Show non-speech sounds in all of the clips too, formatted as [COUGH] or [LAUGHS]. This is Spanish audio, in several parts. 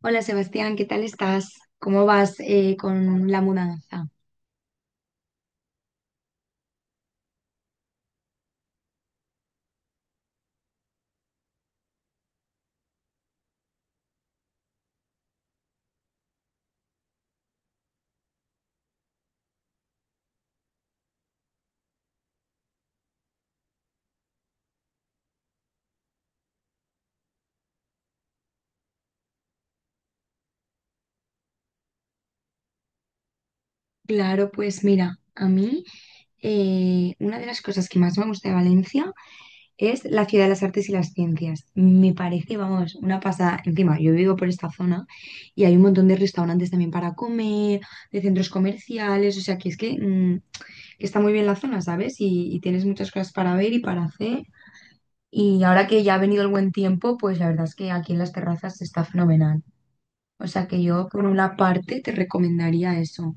Hola Sebastián, ¿qué tal estás? ¿Cómo vas con la mudanza? Claro, pues mira, a mí una de las cosas que más me gusta de Valencia es la Ciudad de las Artes y las Ciencias. Me parece, vamos, una pasada. Encima, yo vivo por esta zona y hay un montón de restaurantes también para comer, de centros comerciales, o sea que es que está muy bien la zona, ¿sabes? Y tienes muchas cosas para ver y para hacer. Y ahora que ya ha venido el buen tiempo, pues la verdad es que aquí en las terrazas está fenomenal. O sea que yo por una parte te recomendaría eso.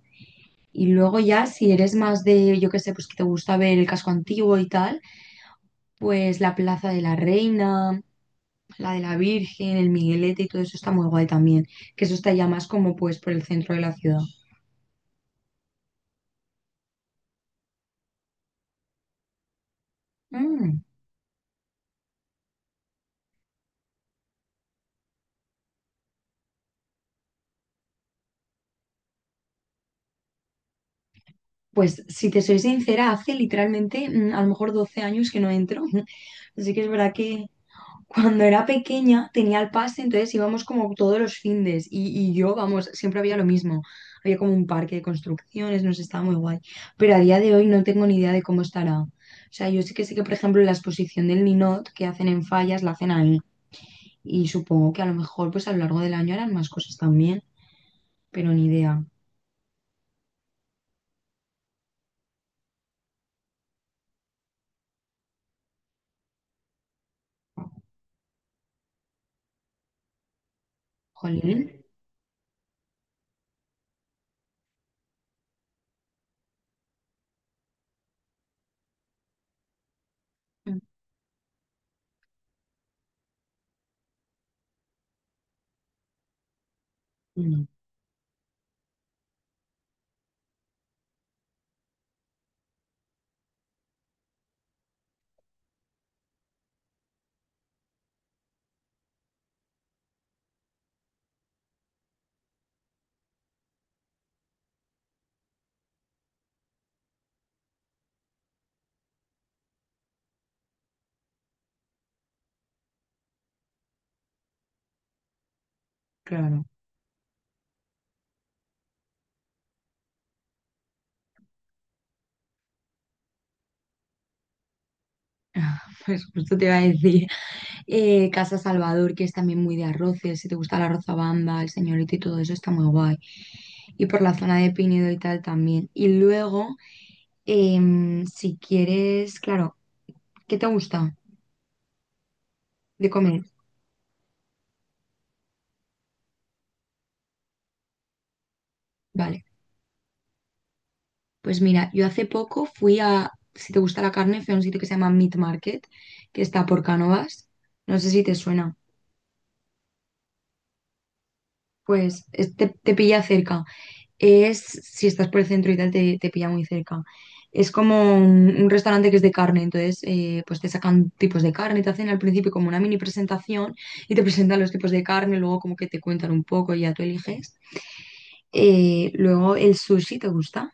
Y luego ya si eres más de, yo qué sé, pues que te gusta ver el casco antiguo y tal, pues la Plaza de la Reina, la de la Virgen, el Miguelete y todo eso está muy guay también. Que eso está ya más como pues por el centro de la ciudad. Mm. Pues si te soy sincera, hace literalmente a lo mejor 12 años que no entro. [LAUGHS] Así que es verdad que cuando era pequeña tenía el pase, entonces íbamos como todos los findes y yo, vamos, siempre había lo mismo. Había como un parque de construcciones, nos estaba muy guay. Pero a día de hoy no tengo ni idea de cómo estará. O sea, yo sí que sé que, por ejemplo, la exposición del Ninot que hacen en Fallas la hacen ahí. Y supongo que a lo mejor pues a lo largo del año harán más cosas también, pero ni idea. Jolín. Mm, claro. [LAUGHS] Pues justo te iba a decir. Casa Salvador, que es también muy de arroces, si te gusta la rozabamba, el señorito y todo eso, está muy guay. Y por la zona de Pinedo y tal también. Y luego, si quieres, claro, ¿qué te gusta de comer? Vale, pues mira, yo hace poco fui a, si te gusta la carne, fui a un sitio que se llama Meat Market, que está por Cánovas. No sé si te suena. Te, te pilla cerca. Es, si estás por el centro y tal, te pilla muy cerca. Es como un restaurante que es de carne, entonces pues te sacan tipos de carne, te hacen al principio como una mini presentación y te presentan los tipos de carne, luego como que te cuentan un poco y ya tú eliges. Luego el sushi, ¿te gusta?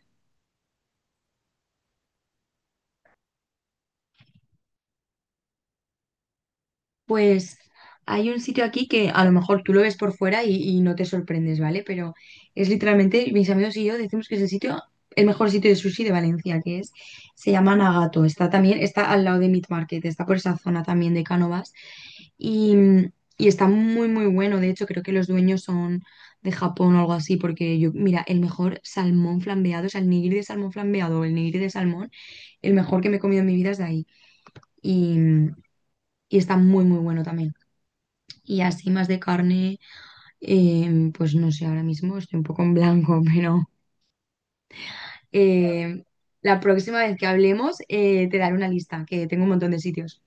Pues hay un sitio aquí que a lo mejor tú lo ves por fuera y no te sorprendes, ¿vale? Pero es literalmente, mis amigos y yo decimos que es el sitio, el mejor sitio de sushi de Valencia, que es, se llama Nagato. Está también, está al lado de Meat Market, está por esa zona también de Cánovas. Y, y está muy, muy bueno. De hecho, creo que los dueños son de Japón o algo así, porque yo, mira, el mejor salmón flambeado, o sea, el nigiri de salmón flambeado o el nigiri de salmón, el mejor que me he comido en mi vida es de ahí. Y, y está muy, muy bueno también. Y así más de carne, pues no sé, ahora mismo estoy un poco en blanco, [LAUGHS] pero em, la próxima vez que hablemos te daré una lista, que tengo un montón de sitios.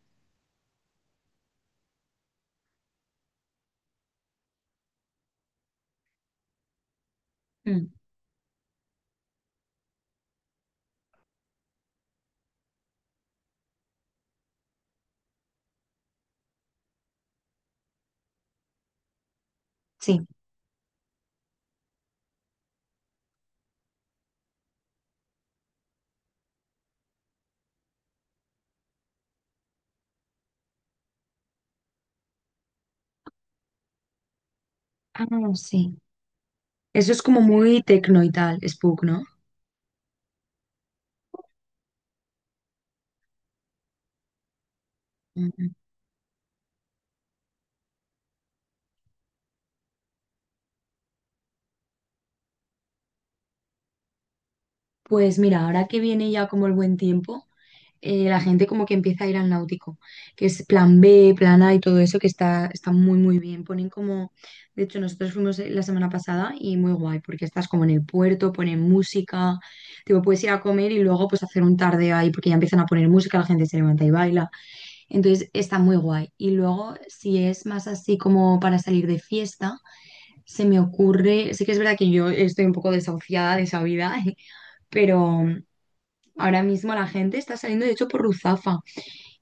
Mm, sí. Ah, sí. Eso es como muy tecno y tal, Spook, ¿no? Mm. Pues mira, ahora que viene ya como el buen tiempo, la gente como que empieza a ir al náutico, que es plan B, plan A y todo eso, que está, está muy, muy bien. Ponen como, de hecho, nosotros fuimos la semana pasada y muy guay, porque estás como en el puerto, ponen música, tipo, puedes ir a comer y luego pues hacer un tarde ahí, porque ya empiezan a poner música, la gente se levanta y baila. Entonces, está muy guay. Y luego, si es más así como para salir de fiesta, se me ocurre, sí que es verdad que yo estoy un poco desahuciada de esa vida, [LAUGHS] pero... Ahora mismo la gente está saliendo, de hecho, por Ruzafa.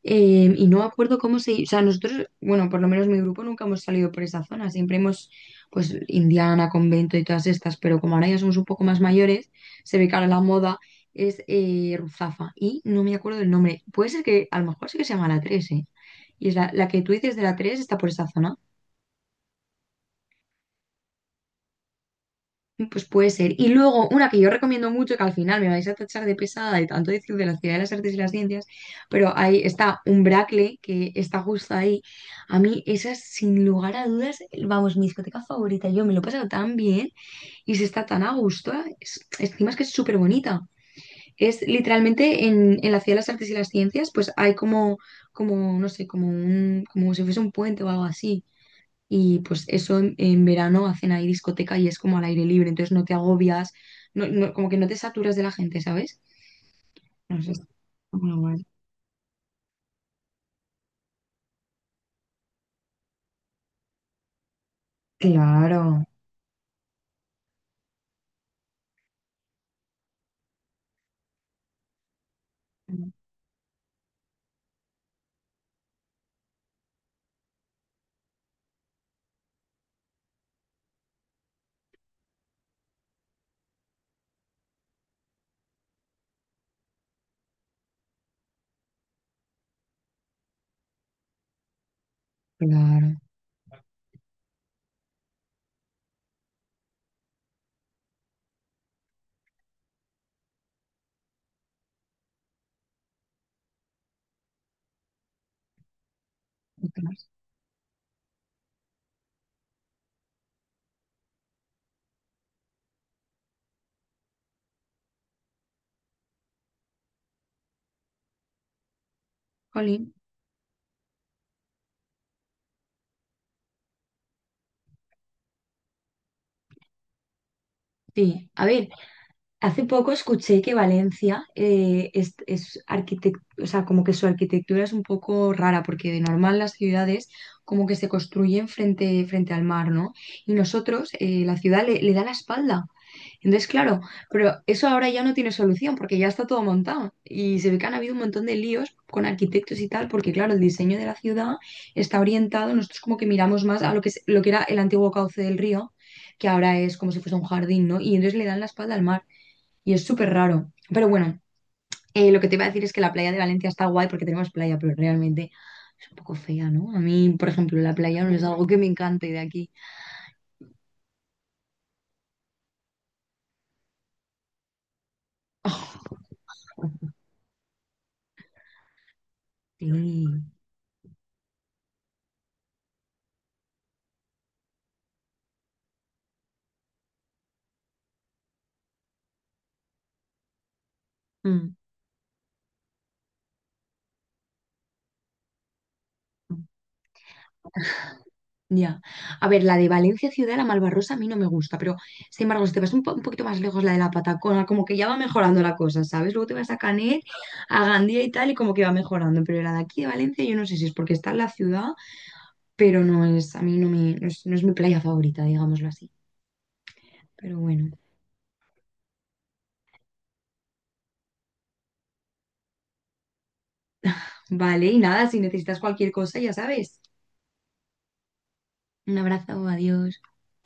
Y no me acuerdo cómo se... O sea, nosotros, bueno, por lo menos mi grupo nunca hemos salido por esa zona. Siempre hemos, pues, Indiana, convento y todas estas, pero como ahora ya somos un poco más mayores, se ve que ahora la moda es Ruzafa. Y no me acuerdo del nombre. Puede ser que, a lo mejor sí que se llama la tres, ¿eh? Y es la, la que tú dices de la 3 está por esa zona. Pues puede ser. Y luego, una que yo recomiendo mucho, que al final me vais a tachar de pesada de tanto decir de la Ciudad de las Artes y las Ciencias, pero ahí está un Bracle que está justo ahí. A mí, esa es sin lugar a dudas, vamos, mi discoteca favorita. Yo me lo he pasado tan bien y se está tan a gusto. Encima es que es súper bonita. Es literalmente en la Ciudad de las Artes y las Ciencias, pues hay como, como, no sé, como un, como si fuese un puente o algo así. Y pues eso en verano hacen ahí discoteca y es como al aire libre, entonces no te agobias, como que no te saturas de la gente, ¿sabes? No sé, está muy guay. Claro, claro. Jolín. Sí, a ver, hace poco escuché que Valencia es, o sea, como que su arquitectura es un poco rara, porque de normal las ciudades como que se construyen frente al mar, ¿no? Y nosotros, la ciudad le da la espalda. Entonces, claro, pero eso ahora ya no tiene solución porque ya está todo montado y se ve que han habido un montón de líos con arquitectos y tal porque, claro, el diseño de la ciudad está orientado, nosotros como que miramos más a lo que, lo que era el antiguo cauce del río, que ahora es como si fuese un jardín, ¿no? Y entonces le dan la espalda al mar y es súper raro. Pero bueno, lo que te iba a decir es que la playa de Valencia está guay porque tenemos playa, pero realmente es un poco fea, ¿no? A mí, por ejemplo, la playa no es algo que me encante de aquí. [LAUGHS] Sí. Mm. Ya. A ver, la de Valencia Ciudad, la Malvarrosa, a mí no me gusta, pero sin embargo, si te vas un poquito más lejos, la de la Patacona, como que ya va mejorando la cosa, ¿sabes? Luego te vas a Canet, a Gandía y tal, y como que va mejorando, pero la de aquí de Valencia, yo no sé si es porque está en la ciudad, pero no es, a mí no es, no es mi playa favorita, digámoslo así. Pero bueno, vale, y nada, si necesitas cualquier cosa, ya sabes. Un abrazo, adiós.